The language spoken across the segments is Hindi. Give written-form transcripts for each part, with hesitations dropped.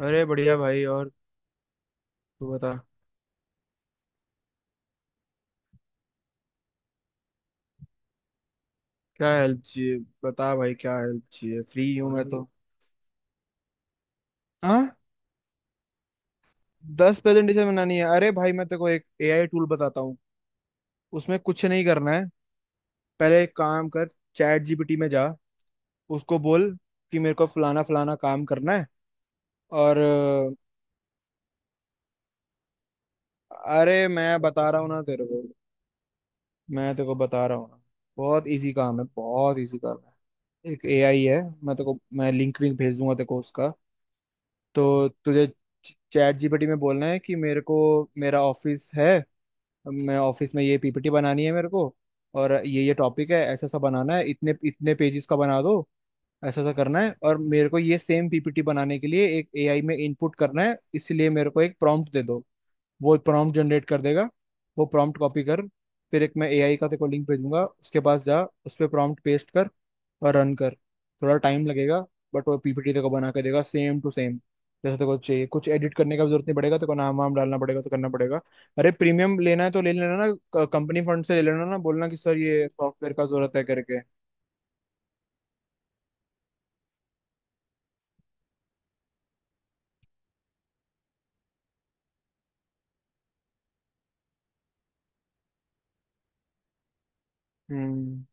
अरे बढ़िया भाई। और तू बता। क्या हेल्प चाहिए? बता भाई, क्या हेल्प चाहिए? फ्री हूँ मैं तो। हाँ। 10 प्रेजेंटेशन बनानी है? अरे भाई, मैं तेरे को एक एआई टूल बताता हूँ। उसमें कुछ नहीं करना है। पहले एक काम कर, चैट जीपीटी में जा। उसको बोल कि मेरे को फलाना फलाना काम करना है। और अरे मैं बता रहा हूँ ना तेरे को। मैं तेरे को बता रहा हूँ ना। बहुत इजी काम है, बहुत इजी काम है। एक एआई है। मैं तेरे को मैं लिंक विंक भेज दूंगा तेरे को उसका। तो तुझे चैट जीपीटी में बोलना है कि मेरे को, मेरा ऑफिस है, मैं ऑफिस में ये पीपीटी बनानी है मेरे को, और ये टॉपिक है, ऐसा सा बनाना है, इतने इतने पेजेस का बना दो, ऐसा सा करना है, और मेरे को ये सेम पीपीटी बनाने के लिए एक एआई में इनपुट करना है, इसलिए मेरे को एक प्रॉम्प्ट दे दो। वो प्रॉम्प्ट जनरेट कर देगा। वो प्रॉम्प्ट कॉपी कर। फिर एक, मैं एआई का तेरे को लिंक भेजूंगा, उसके पास जा, उस पर प्रॉम्प्ट पेस्ट कर और रन कर। थोड़ा टाइम लगेगा, बट वो पीपीटी तेरे को बना के देगा सेम टू सेम जैसे तेरे को चाहिए। कुछ एडिट करने का भी जरूरत नहीं पड़ेगा। तेरे को नाम वाम डालना पड़ेगा तो करना पड़ेगा। अरे प्रीमियम लेना है तो ले लेना ना, कंपनी फंड से ले लेना ना, बोलना कि सर, ये सॉफ्टवेयर का जरूरत है करके। हम्म।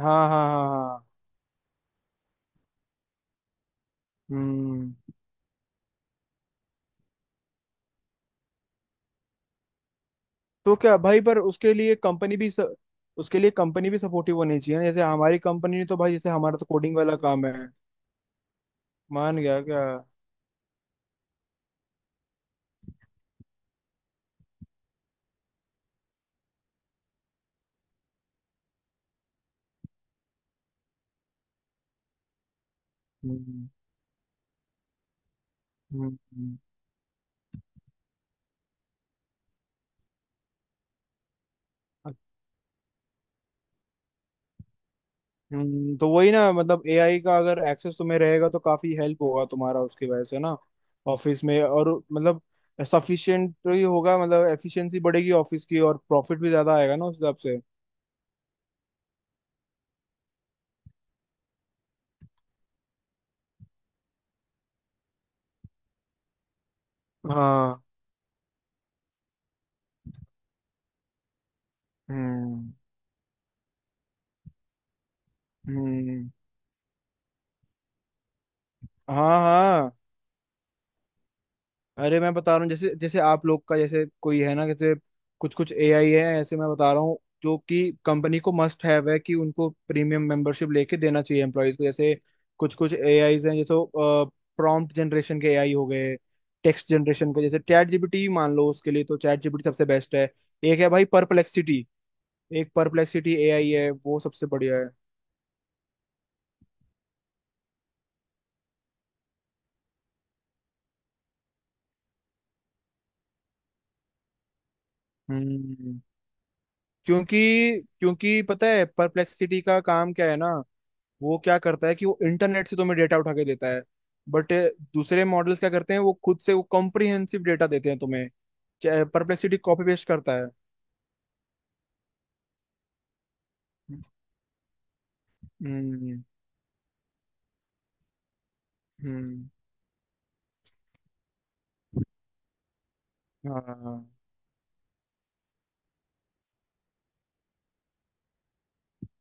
हाँ हाँ हाँ हाँ। हम्म। तो क्या भाई? पर उसके लिए कंपनी भी सपोर्टिव होनी चाहिए ना, जैसे हमारी कंपनी ने तो भाई, जैसे हमारा तो कोडिंग वाला काम है। मान गया क्या? हम्म। हम्म। हम्म। अच्छा। हम्म। तो वही ना, मतलब एआई का अगर एक्सेस तुम्हें रहेगा तो काफी हेल्प होगा तुम्हारा, उसकी वजह से ना ऑफिस में। और मतलब सफिशिएंट ही होगा, मतलब एफिशिएंसी बढ़ेगी ऑफिस की और प्रॉफिट भी ज्यादा आएगा ना उस हिसाब से। हाँ। हम्म। हम्म। हाँ हाँ। अरे मैं बता रहा हूँ, जैसे जैसे आप लोग का, जैसे कोई है ना, जैसे कुछ कुछ एआई है ऐसे, मैं बता रहा हूँ जो कि कंपनी को मस्ट हैव है, कि उनको प्रीमियम मेंबरशिप लेके देना चाहिए एम्प्लॉयज को। जैसे कुछ कुछ एआईज हैं, जैसे प्रॉम्प्ट जनरेशन के एआई हो गए, टेक्स्ट जनरेशन के, जैसे चैट जीपीटी मान लो, उसके लिए तो चैट जीपीटी सबसे बेस्ट है। एक है भाई परप्लेक्सिटी। एक परप्लेक्सिटी एआई है, वो सबसे बढ़िया है। हम्म। क्योंकि क्योंकि पता है परप्लेक्सिटी का काम क्या है ना। वो क्या करता है कि वो इंटरनेट से तुम्हें डेटा उठा के देता है। बट दूसरे मॉडल्स क्या करते हैं, वो खुद से वो कॉम्प्रिहेंसिव डेटा देते हैं तुम्हें। परप्लेक्सिटी कॉपी पेस्ट करता है। हम्म। हम्म। हाँ।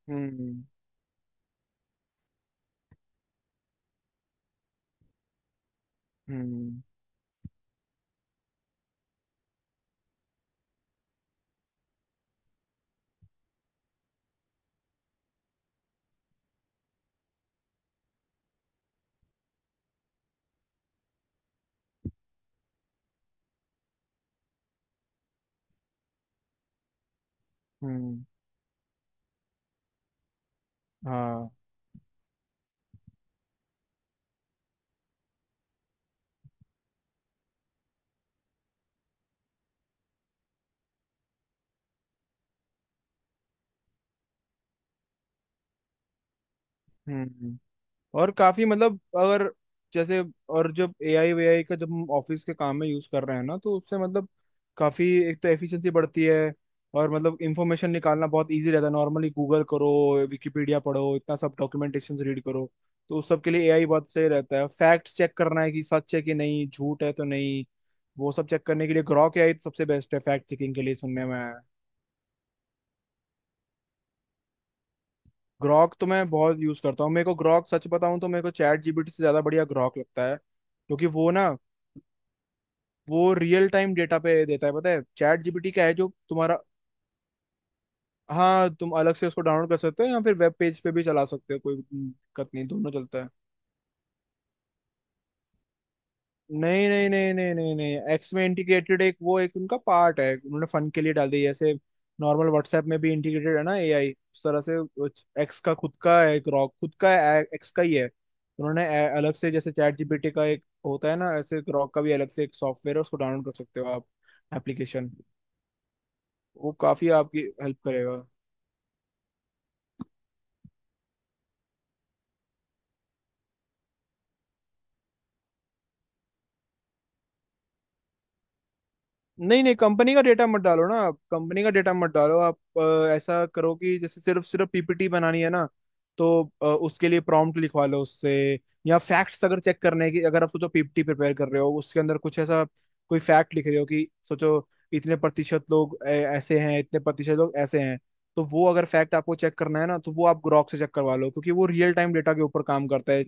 हम्म। हम्म। हम्म। हाँ। हम्म। और काफी मतलब, अगर जैसे, और जब एआई वेआई का, जब हम ऑफिस के काम में यूज कर रहे हैं ना, तो उससे मतलब काफी, एक तो एफिशिएंसी बढ़ती है, और मतलब इंफॉर्मेशन निकालना बहुत इजी रहता है। नॉर्मली गूगल करो, विकिपीडिया पढ़ो, इतना सब डॉक्यूमेंटेशन रीड करो, तो उस सब के लिए एआई बहुत सही रहता है। फैक्ट चेक करना है कि सच है कि नहीं, झूठ है तो नहीं, वो सब चेक करने के लिए ग्रॉक एआई सबसे बेस्ट है, फैक्ट चेकिंग के लिए, सुनने में आया है। ग्रॉक तो मैं बहुत यूज करता हूँ। मेरे को ग्रॉक, सच बताऊं तो मेरे को चैट जीपीटी से ज्यादा बढ़िया ग्रॉक लगता है, क्योंकि वो ना, वो रियल टाइम डेटा पे देता है, पता है? चैट जीपीटी क्या है जो तुम्हारा। हाँ, तुम अलग से उसको डाउनलोड कर सकते हो या फिर वेब पेज पे भी चला सकते हो, कोई दिक्कत नहीं, दोनों चलता है। नहीं नहीं नहीं नहीं नहीं नहीं, एक्स में इंटीग्रेटेड एक, वो एक उनका पार्ट है, उन्होंने फन के लिए डाल दिया, जैसे नॉर्मल व्हाट्सएप में भी इंटीग्रेटेड है ना एआई उस तरह से। एक्स का खुद का एक रॉक, खुद का, एक्स का ही है। उन्होंने अलग से, जैसे चैट जीपीटी का एक होता है ना, ऐसे रॉक का भी अलग से एक सॉफ्टवेयर है, उसको डाउनलोड कर सकते हो आप, एप्लीकेशन। वो काफी आपकी हेल्प करेगा। नहीं नहीं, कंपनी का डेटा मत डालो ना आप, कंपनी का डेटा मत डालो आप। ऐसा करो कि जैसे सिर्फ सिर्फ पीपीटी बनानी है ना, तो उसके लिए प्रॉम्प्ट लिखवा लो उससे। या फैक्ट्स अगर चेक करने की, अगर आप सोचो पीपीटी प्रिपेयर कर रहे हो, उसके अंदर कुछ ऐसा कोई फैक्ट लिख रहे हो, कि सोचो इतने प्रतिशत लोग ऐसे हैं, इतने प्रतिशत लोग ऐसे हैं, तो वो अगर फैक्ट आपको चेक करना है ना, तो वो आप ग्रॉक से चेक करवा लो, क्योंकि वो रियल टाइम डेटा के ऊपर काम करता है,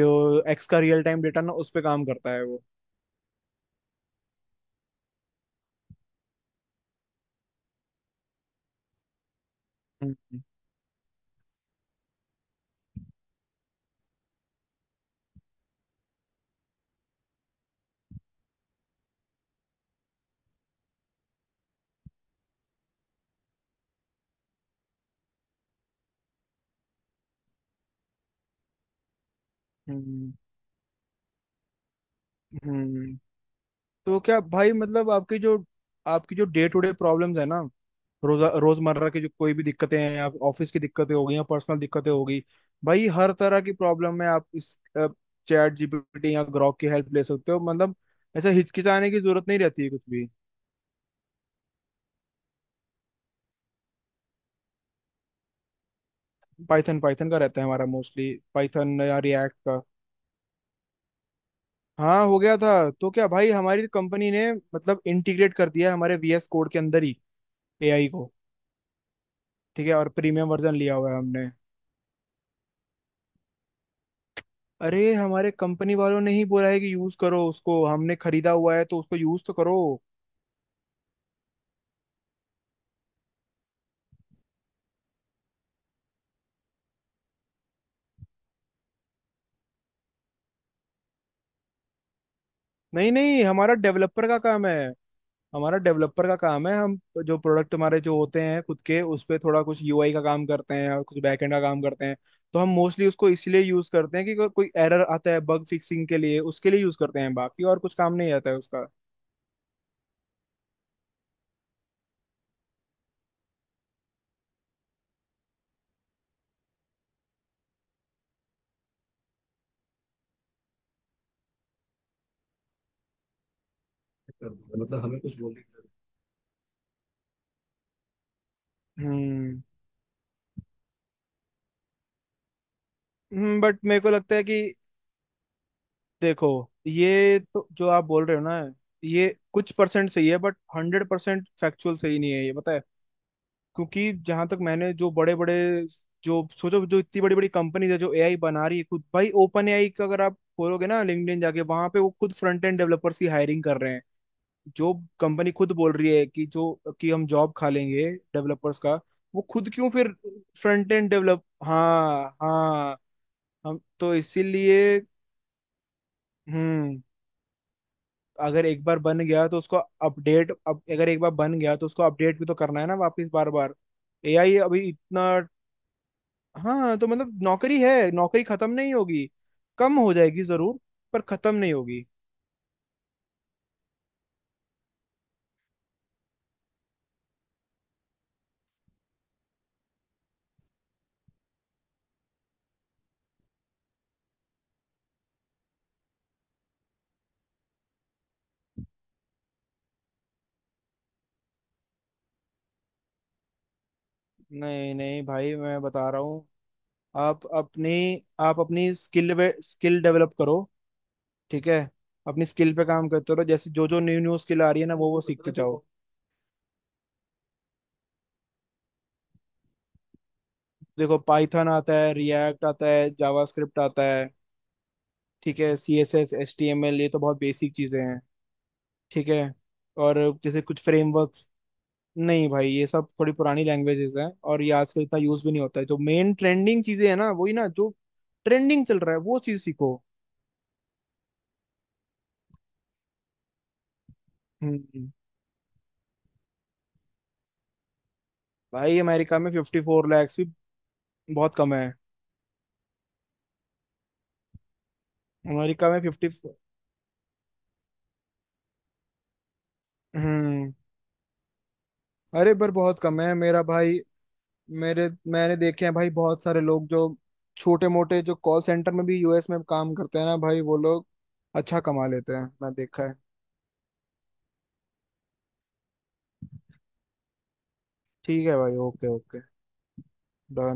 जो एक्स का रियल टाइम डेटा ना, उस पर काम करता है वो। हम्म। हम्म। हम्म। तो क्या भाई, मतलब आपकी जो डे टू डे प्रॉब्लम्स है ना, रोजा रोजमर्रा की जो कोई भी दिक्कतें हैं आप, ऑफिस की दिक्कतें हो गई या पर्सनल दिक्कतें हो गई, भाई हर तरह की प्रॉब्लम में आप इस चैट जीपीटी या ग्रॉक की हेल्प ले सकते हो, मतलब ऐसा हिचकिचाने की जरूरत नहीं रहती है कुछ भी। पाइथन। पाइथन का रहता है हमारा, मोस्टली पाइथन या रिएक्ट का। हाँ, हो गया था। तो क्या भाई, हमारी कंपनी ने मतलब इंटीग्रेट कर दिया है हमारे वीएस कोड के अंदर ही एआई को। ठीक है, और प्रीमियम वर्जन लिया हुआ है हमने। अरे, हमारे कंपनी वालों ने ही बोला है कि यूज करो उसको, हमने खरीदा हुआ है तो उसको यूज तो करो। नहीं नहीं, हमारा डेवलपर का काम है, हम जो प्रोडक्ट हमारे जो होते हैं खुद के, उस पे थोड़ा कुछ यूआई का काम करते हैं और कुछ बैकएंड का काम करते हैं। तो हम मोस्टली उसको इसलिए यूज करते हैं कि अगर कोई एरर आता है, बग फिक्सिंग के लिए उसके लिए यूज करते हैं, बाकी और कुछ काम नहीं आता है उसका। हम्म। बट मेरे को लगता है कि, देखो, ये तो जो आप बोल रहे हो ना, ये कुछ परसेंट सही है, बट 100% फैक्चुअल सही नहीं है ये, पता है? क्योंकि जहां तक मैंने, जो बड़े बड़े, जो सोचो जो इतनी बड़ी बड़ी कंपनीज है जो एआई बना रही है खुद, भाई ओपन एआई का अगर आप खोलोगे ना लिंक्डइन जाके, वहां पे वो खुद फ्रंट एंड डेवलपर्स की हायरिंग कर रहे हैं। जो कंपनी खुद बोल रही है कि, जो कि हम जॉब खा लेंगे डेवलपर्स का, वो खुद क्यों फिर फ्रंट एंड डेवलप? हाँ हाँ। हम तो इसीलिए। हम्म। अगर एक बार बन गया तो उसको अपडेट, अब अगर एक बार बन गया तो उसको अपडेट भी तो करना है ना वापस, बार बार। एआई अभी इतना। हाँ, तो मतलब नौकरी है, नौकरी खत्म नहीं होगी, कम हो जाएगी जरूर, पर खत्म नहीं होगी। नहीं नहीं भाई, मैं बता रहा हूँ, आप अपनी आप अपनी स्किल स्किल डेवलप करो। ठीक है? अपनी स्किल पे काम करते रहो, जैसे जो जो न्यू न्यू स्किल आ रही है ना, वो सीखते जाओ। देखो, पाइथन आता है, रिएक्ट आता है, जावास्क्रिप्ट आता है, ठीक है, CSS HTML, ये तो बहुत बेसिक चीजें हैं। ठीक है। और जैसे कुछ फ्रेमवर्क्स, नहीं भाई ये सब थोड़ी पुरानी लैंग्वेजेस हैं और ये आजकल इतना यूज भी नहीं होता है, जो मेन ट्रेंडिंग चीजें हैं ना, वही ना, जो ट्रेंडिंग चल रहा है वो चीज सीखो। हम्म। भाई अमेरिका में 54 लैक्स भी बहुत कम है। अमेरिका में फिफ्टी। हम्म। अरे पर बहुत कम है मेरा भाई। मेरे मैंने देखे हैं भाई बहुत सारे लोग जो छोटे मोटे, जो कॉल सेंटर में भी यूएस में काम करते हैं ना भाई, वो लोग अच्छा कमा लेते हैं, मैं देखा है। ठीक है भाई, ओके ओके। डन।